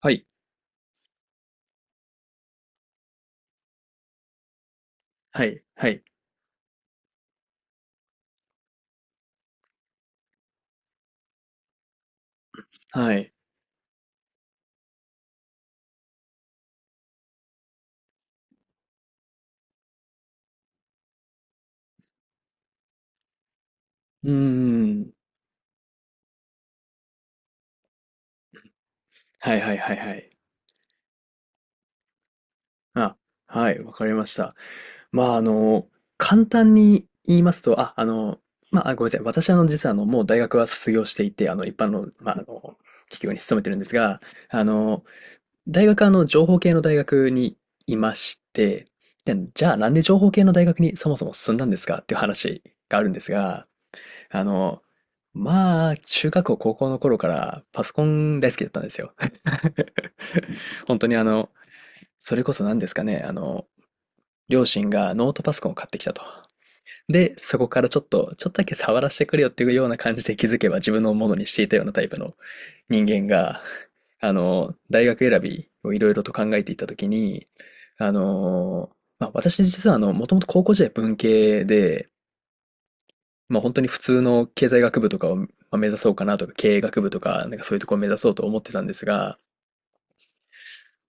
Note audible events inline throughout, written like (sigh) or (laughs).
はい。はい、はい、はい。うーん。はいはいはいはい。あ、はい、わかりました。まあ、簡単に言いますと、まあ、ごめんなさい。私、実は、もう大学は卒業していて、一般の、まあ、企業に勤めてるんですが、あの、大学は、情報系の大学にいまして、で、じゃあ、なんで情報系の大学にそもそも進んだんですかっていう話があるんですが、あの、まあ、中学校、高校の頃からパソコン大好きだったんですよ。(laughs) 本当にそれこそ何ですかね、両親がノートパソコンを買ってきたと。で、そこからちょっとだけ触らせてくれよっていうような感じで気づけば自分のものにしていたようなタイプの人間が、大学選びをいろいろと考えていたときに、あの、まあ、私実はもともと高校時代文系で、まあ本当に普通の経済学部とかをまあ目指そうかなとか、経営学部とか、なんかそういうところを目指そうと思ってたんですが、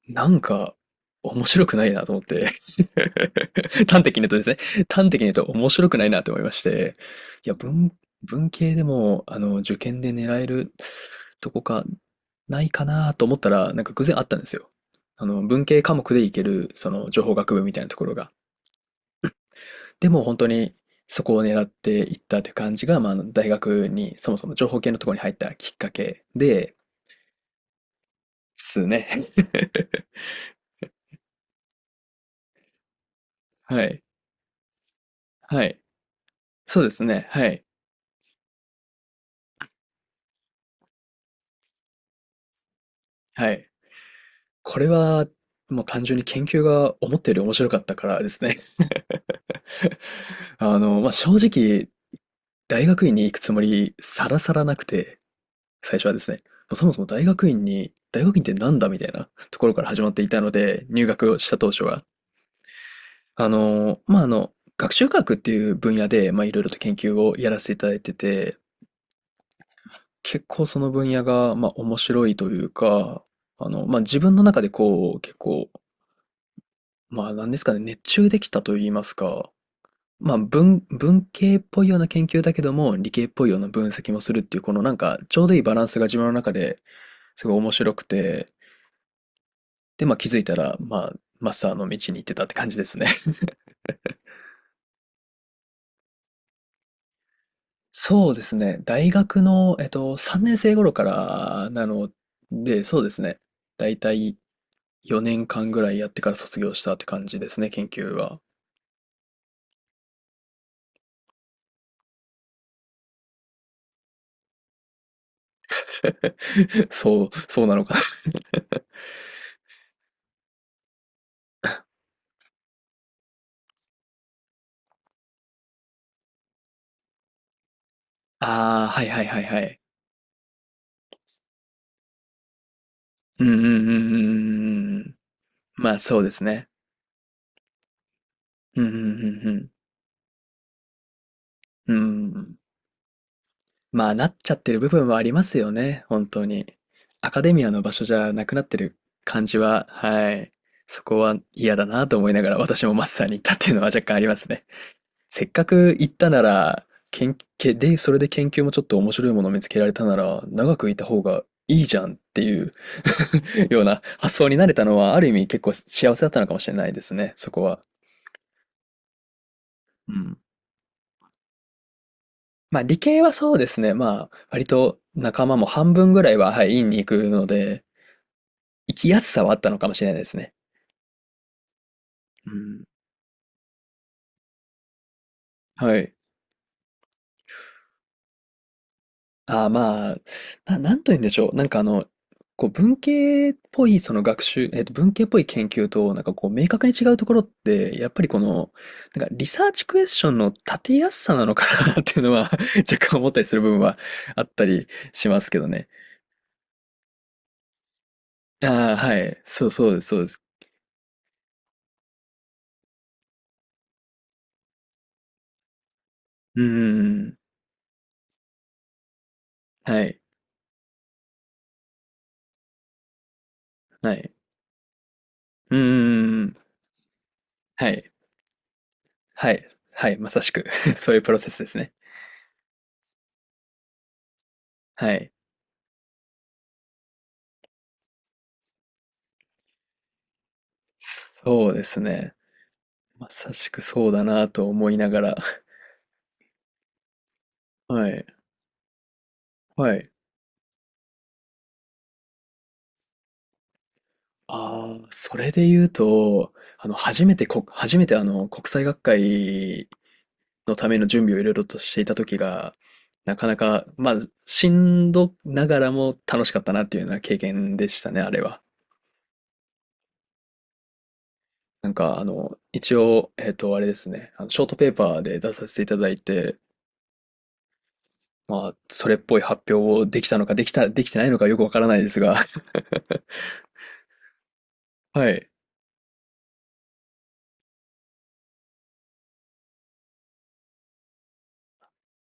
なんか面白くないなと思って (laughs) 端的に言うとですね、端的に言うと面白くないなと思いまして、いや、文系でも、受験で狙えるとこか、ないかなと思ったら、なんか偶然あったんですよ。文系科目でいける、情報学部みたいなところが。でも本当にそこを狙っていったという感じが、まあ、大学にそもそも情報系のところに入ったきっかけですね。(laughs) はい。はい。そうですね。はい。はい。これは、もう単純に研究が思ったより面白かったからですね。(laughs) まあ、正直、大学院に行くつもりさらさらなくて、最初はですね。もうそもそも大学院ってなんだみたいなところから始まっていたので、入学をした当初は。学習科学っていう分野で、まあ、いろいろと研究をやらせていただいてて、結構その分野が、まあ、面白いというか、まあ、自分の中でこう、結構、まあ、なんですかね、熱中できたと言いますか、まあ、文系っぽいような研究だけども、理系っぽいような分析もするっていう、このなんか、ちょうどいいバランスが自分の中ですごい面白くて、で、まあ、気づいたら、まあ、マスターの道に行ってたって感じですね。(laughs) そうですね。大学の、3年生頃からなので、そうですね。だいたい4年間ぐらいやってから卒業したって感じですね、研究は。(laughs) そう、そうなのかな。(laughs) ああ、はいはいはいはい。うんうんうんうんうんうんうん。まあそうですね。うんうんうんうん。うん。まあ、なっちゃってる部分はありますよね、本当に。アカデミアの場所じゃなくなってる感じは、はい。そこは嫌だなと思いながら私もマスターに行ったっていうのは若干ありますね。せっかく行ったなら、研究で、それで研究もちょっと面白いものを見つけられたなら、長くいた方がいいじゃんっていう (laughs) ような発想になれたのは、ある意味結構幸せだったのかもしれないですね、そこは。うん。まあ理系はそうですね。まあ割と仲間も半分ぐらいは、はい、院に行くので、生きやすさはあったのかもしれないですね。うん。はい。ああ、まあ、なんと言うんでしょう。なんかこう文系っぽいその学習、文系っぽい研究と、なんかこう明確に違うところって、やっぱりこの、なんかリサーチクエスチョンの立てやすさなのかな (laughs) っていうのは (laughs) 若干思ったりする部分はあったりしますけどね。ああ、はい。そう、そうです、そうです。うーん。はい。はい。うーん。はい。はい。はい。まさしく (laughs) そういうプロセスですね。はい。そうですね。まさしくそうだなと思いながら。(laughs) はい。はい。ああ、それで言うと、初めて国際学会のための準備をいろいろとしていた時が、なかなか、まあ、しんどながらも楽しかったなっていうような経験でしたね、あれは。なんか、一応、あれですね、ショートペーパーで出させていただいて、まあ、それっぽい発表をできたのか、できてないのかよくわからないですが、(laughs) はい。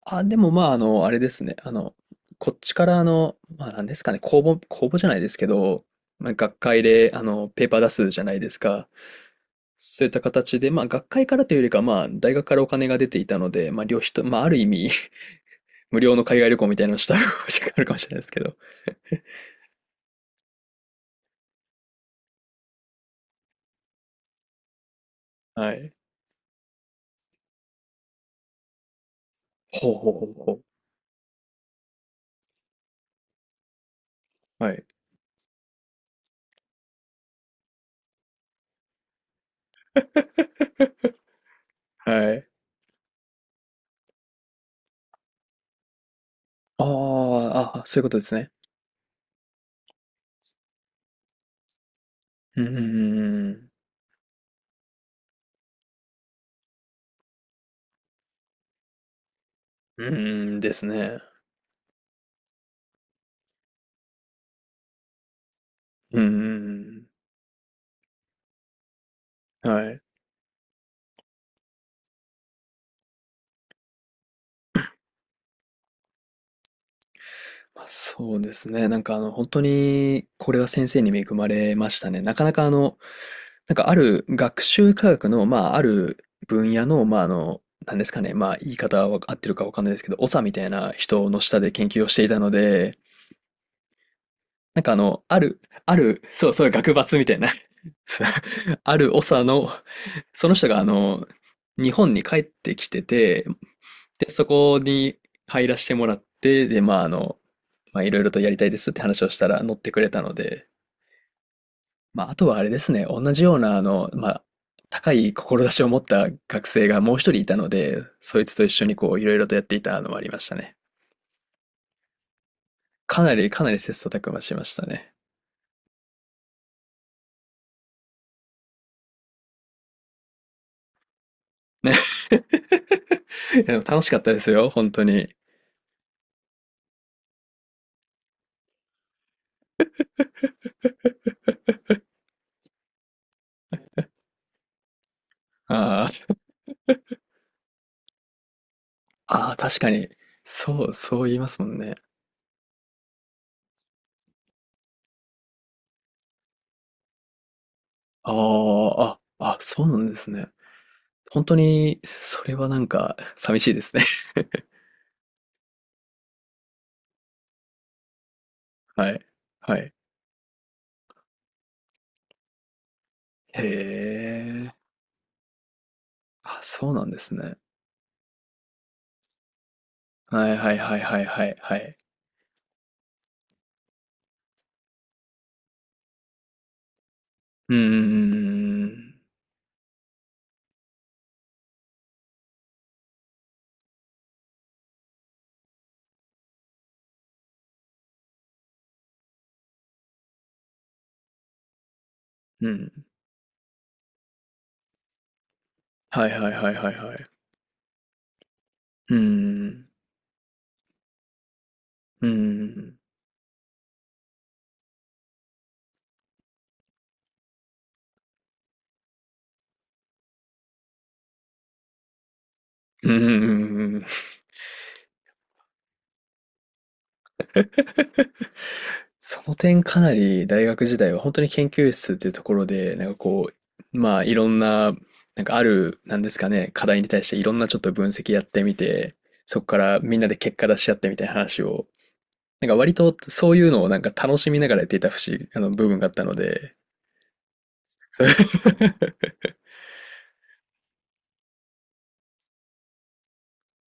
あ、でもまあ、あれですね。こっちから、まあ、なんですかね、公募、公募じゃないですけど、まあ、学会で、ペーパー出すじゃないですか。そういった形で、まあ、学会からというよりか、まあ、大学からお金が出ていたので、まあ、旅費と、まあ、ある意味 (laughs) 無料の海外旅行みたいなのをした (laughs) 時があるかもしれないですけど。はい。ほうほうほうほう。はい。はい。ああ、あ、そういうことですね。うん、うん、うん、うん、うんですね。うん、うん、うんはい。まあそうですね。なんか本当に、これは先生に恵まれましたね。なかなかなんかある学習科学の、まあある分野の、まあなんですかね。まあ言い方は合ってるかわかんないですけど、長みたいな人の下で研究をしていたので、なんかある、そうそう、学閥みたいな (laughs) ある長の、その人が日本に帰ってきてて、で、そこに入らせてもらって、で、まあまあ、いろいろとやりたいですって話をしたら乗ってくれたので、まあ、あとはあれですね、同じような、まあ、高い志を持った学生がもう一人いたので、そいつと一緒にこう、いろいろとやっていたのもありましたね。かなり、かなり切磋琢磨しましたね。ね。(laughs) いやでも楽しかったですよ、本当に。あーあー、確かに。そう、そう言いますもんね。あーあ、あ、そうなんですね。本当に、それはなんか、寂しいですね。(laughs) はい。はい。へえ。あ、そうなんですね。はいはいはいはいはいはい。うんうんうんうんうんうん。はいはいはいはいはい。うんうんうん。うんうんうんうんうんうん。(laughs) その点かなり大学時代は本当に研究室っていうところで、なんかこう、まあいろんな、なんかある、なんですかね、課題に対していろんなちょっと分析やってみて、そこからみんなで結果出し合ってみたいな話を、なんか割とそういうのをなんか楽しみながらやっていた節、あの部分があったので、(laughs)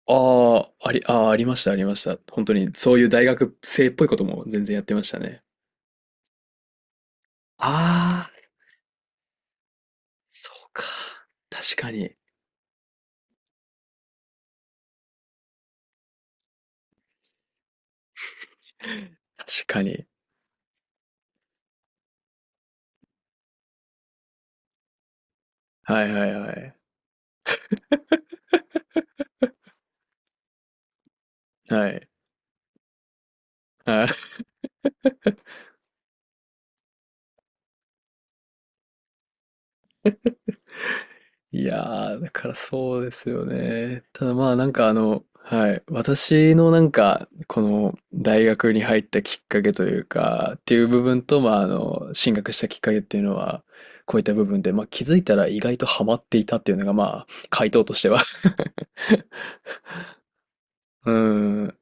ああ、ありました、ありました。本当に、そういう大学生っぽいことも全然やってましたね。ああ、そうか。確かに。確かに。はいはいはい。はい。はい。いやー、だからそうですよね。ただまあなんかはい。私のなんか、この大学に入ったきっかけというか、っていう部分と、まあ進学したきっかけっていうのは、こういった部分で、まあ気づいたら意外とハマっていたっていうのが、まあ、回答としては (laughs) うん。